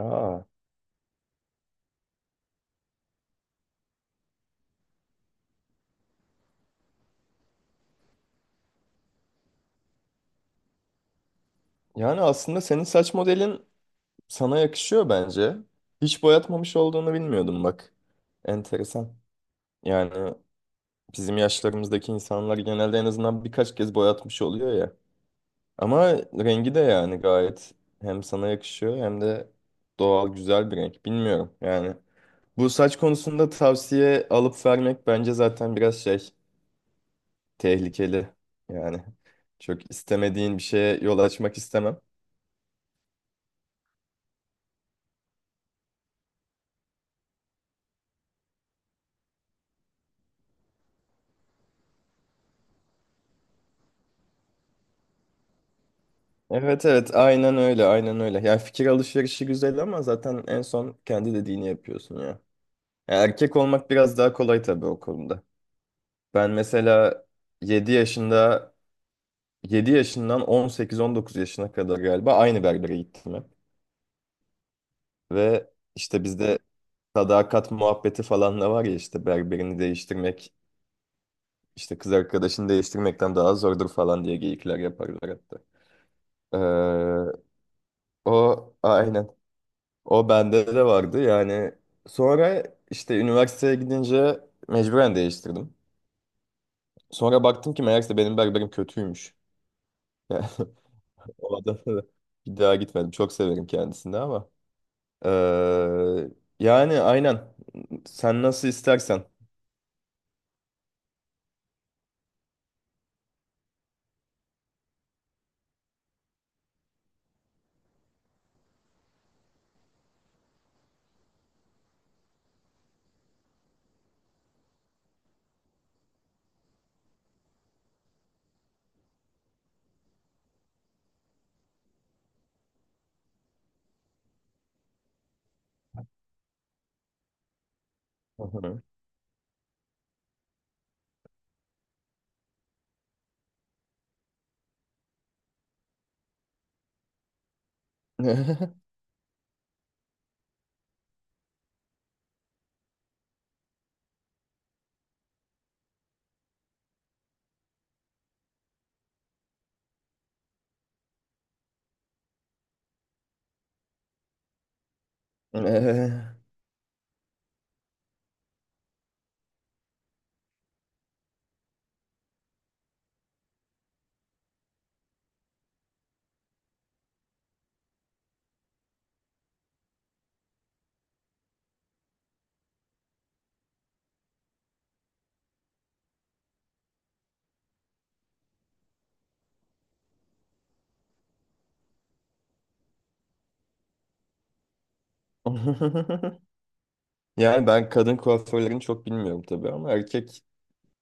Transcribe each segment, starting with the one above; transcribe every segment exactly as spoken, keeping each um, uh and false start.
Aa, yani aslında senin saç modelin sana yakışıyor bence. Hiç boyatmamış olduğunu bilmiyordum bak. Enteresan. Yani bizim yaşlarımızdaki insanlar genelde en azından birkaç kez boyatmış oluyor ya. Ama rengi de yani gayet hem sana yakışıyor hem de doğal güzel bir renk. Bilmiyorum yani. Bu saç konusunda tavsiye alıp vermek bence zaten biraz şey tehlikeli. Yani çok istemediğin bir şeye yol açmak istemem. Evet evet aynen öyle aynen öyle. Yani fikir alışverişi güzel ama zaten en son kendi dediğini yapıyorsun ya. Yani erkek olmak biraz daha kolay tabii o konuda. Ben mesela yedi yaşında yedi yaşından on sekiz on dokuz yaşına kadar galiba aynı berbere gittim hep. Ve işte bizde sadakat muhabbeti falan da var ya işte berberini değiştirmek işte kız arkadaşını değiştirmekten daha zordur falan diye geyikler yaparlar hatta. Ee, O aynen. O bende de vardı yani. Sonra işte üniversiteye gidince mecburen değiştirdim. Sonra baktım ki meğerse benim berberim kötüymüş. Yani o adamla da bir daha gitmedim. Çok severim kendisini ama. Ee, Yani aynen. Sen nasıl istersen. Hı hı. Ee, Yani ben kadın kuaförlerini çok bilmiyorum tabii ama erkek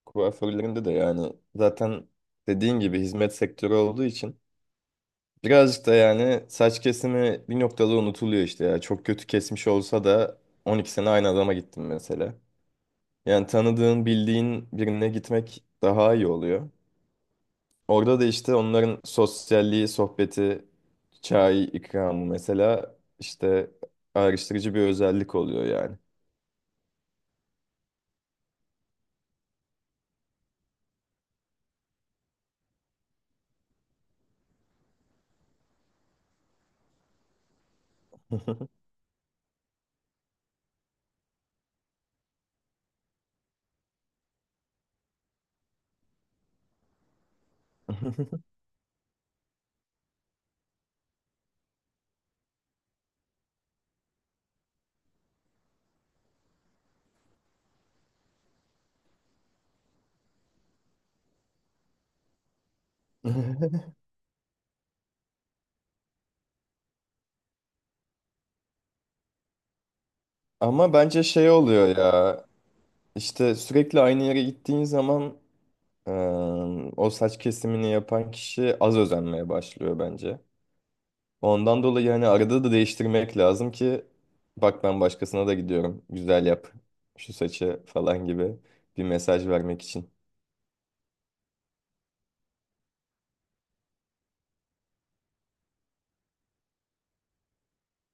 kuaförlerinde de yani zaten dediğin gibi hizmet sektörü olduğu için birazcık da yani saç kesimi bir noktada unutuluyor işte ya. Çok kötü kesmiş olsa da on iki sene aynı adama gittim mesela. Yani tanıdığın, bildiğin birine gitmek daha iyi oluyor. Orada da işte onların sosyalliği, sohbeti, çay ikramı mesela işte ayrıştırıcı bir özellik oluyor yani. Ama bence şey oluyor ya. İşte sürekli aynı yere gittiğin zaman Ee, o saç kesimini yapan kişi az özenmeye başlıyor bence. Ondan dolayı hani arada da değiştirmek lazım ki bak ben başkasına da gidiyorum. Güzel yap şu saçı falan gibi bir mesaj vermek için.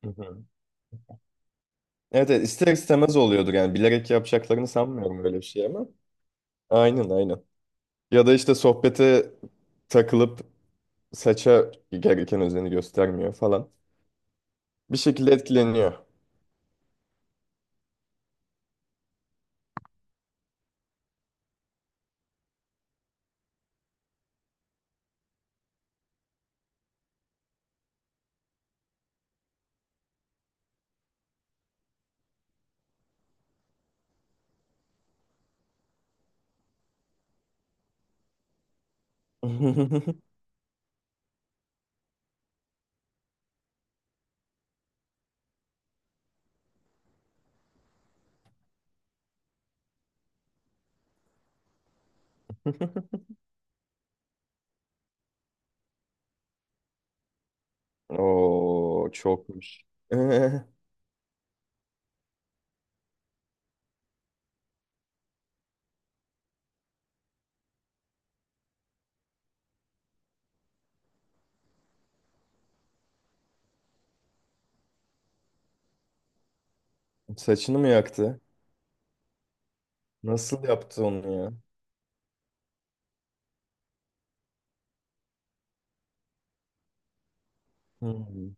Hı hı. Evet, evet, ister istemez oluyordur yani bilerek yapacaklarını sanmıyorum böyle bir şey ama. Aynen aynen. Ya da işte sohbete takılıp saça gereken özeni göstermiyor falan. Bir şekilde etkileniyor. Oo çokmuş. Ee, Saçını mı yaktı? Nasıl yaptı onu ya? Hmm.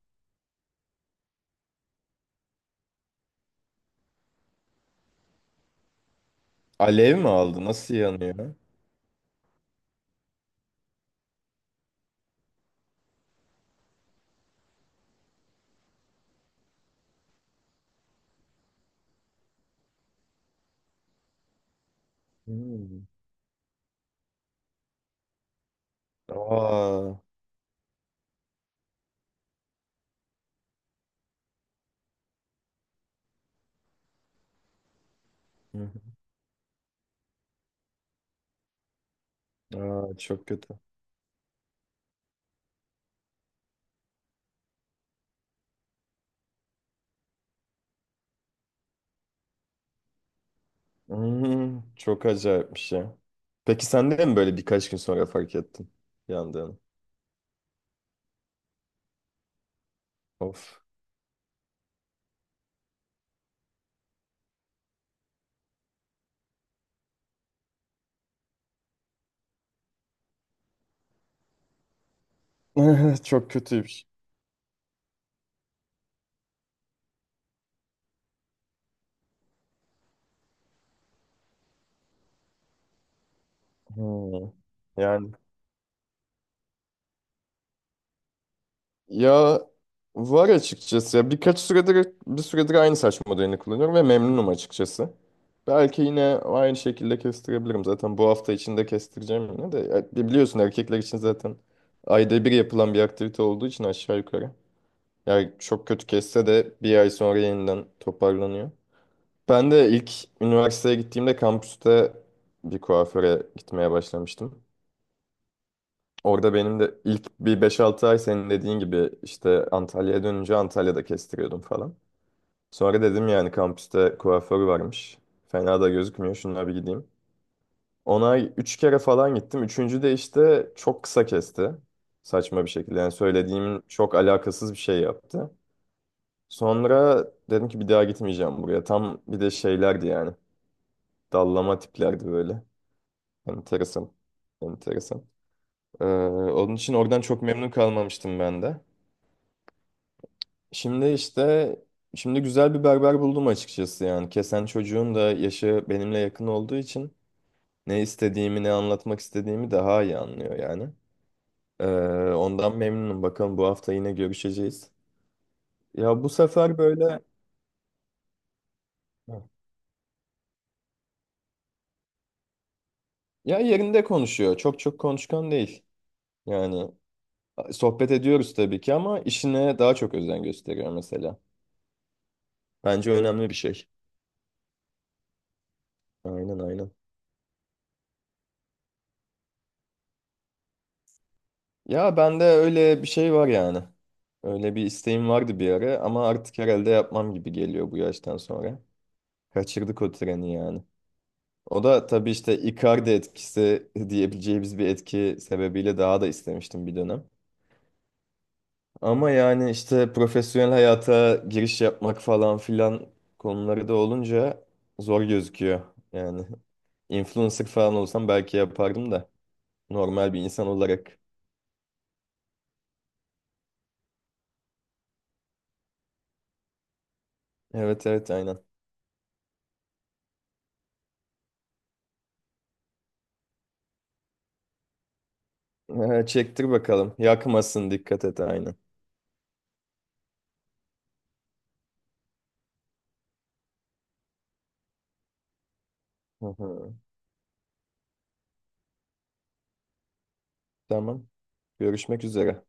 Alev mi aldı? Nasıl yanıyor? Hmm. Aa. Hı. hı. Aa, çok kötü. Hmm, çok acayipmiş ya. Peki sen de mi böyle birkaç gün sonra fark ettin yandığını? Of. Çok kötüymüş. Hmm. Yani ya var açıkçası. Ya birkaç süredir bir süredir aynı saç modelini kullanıyorum ve memnunum açıkçası. Belki yine aynı şekilde kestirebilirim. Zaten bu hafta içinde kestireceğim yine de. Ya biliyorsun erkekler için zaten ayda bir yapılan bir aktivite olduğu için aşağı yukarı. Yani çok kötü kesse de bir ay sonra yeniden toparlanıyor. Ben de ilk üniversiteye gittiğimde kampüste bir kuaföre gitmeye başlamıştım. Orada benim de ilk bir beş altı ay senin dediğin gibi işte Antalya'ya dönünce Antalya'da kestiriyordum falan. Sonra dedim yani kampüste kuaför varmış. Fena da gözükmüyor şunlara bir gideyim. Ona ay üç kere falan gittim. Üçüncü de işte çok kısa kesti. Saçma bir şekilde yani söylediğimin çok alakasız bir şey yaptı. Sonra dedim ki bir daha gitmeyeceğim buraya. Tam bir de şeylerdi yani. Dallama tiplerdi böyle. Enteresan. Enteresan. Ee, Onun için oradan çok memnun kalmamıştım ben de. Şimdi işte Şimdi güzel bir berber buldum açıkçası yani. Kesen çocuğun da yaşı benimle yakın olduğu için ne istediğimi ne anlatmak istediğimi daha iyi anlıyor yani. Ee, Ondan memnunum. Bakalım bu hafta yine görüşeceğiz. Ya bu sefer böyle ya yerinde konuşuyor. Çok çok konuşkan değil. Yani sohbet ediyoruz tabii ki ama işine daha çok özen gösteriyor mesela. Bence önemli bir şey. Aynen aynen. Ya bende öyle bir şey var yani. Öyle bir isteğim vardı bir ara ama artık herhalde yapmam gibi geliyor bu yaştan sonra. Kaçırdık o treni yani. O da tabii işte Icardi etkisi diyebileceğimiz bir etki sebebiyle daha da istemiştim bir dönem. Ama yani işte profesyonel hayata giriş yapmak falan filan konuları da olunca zor gözüküyor. Yani influencer falan olsam belki yapardım da normal bir insan olarak. Evet evet aynen. Ee, Çektir bakalım. Yakmasın dikkat et aynen. Hı hı. Tamam. Görüşmek üzere.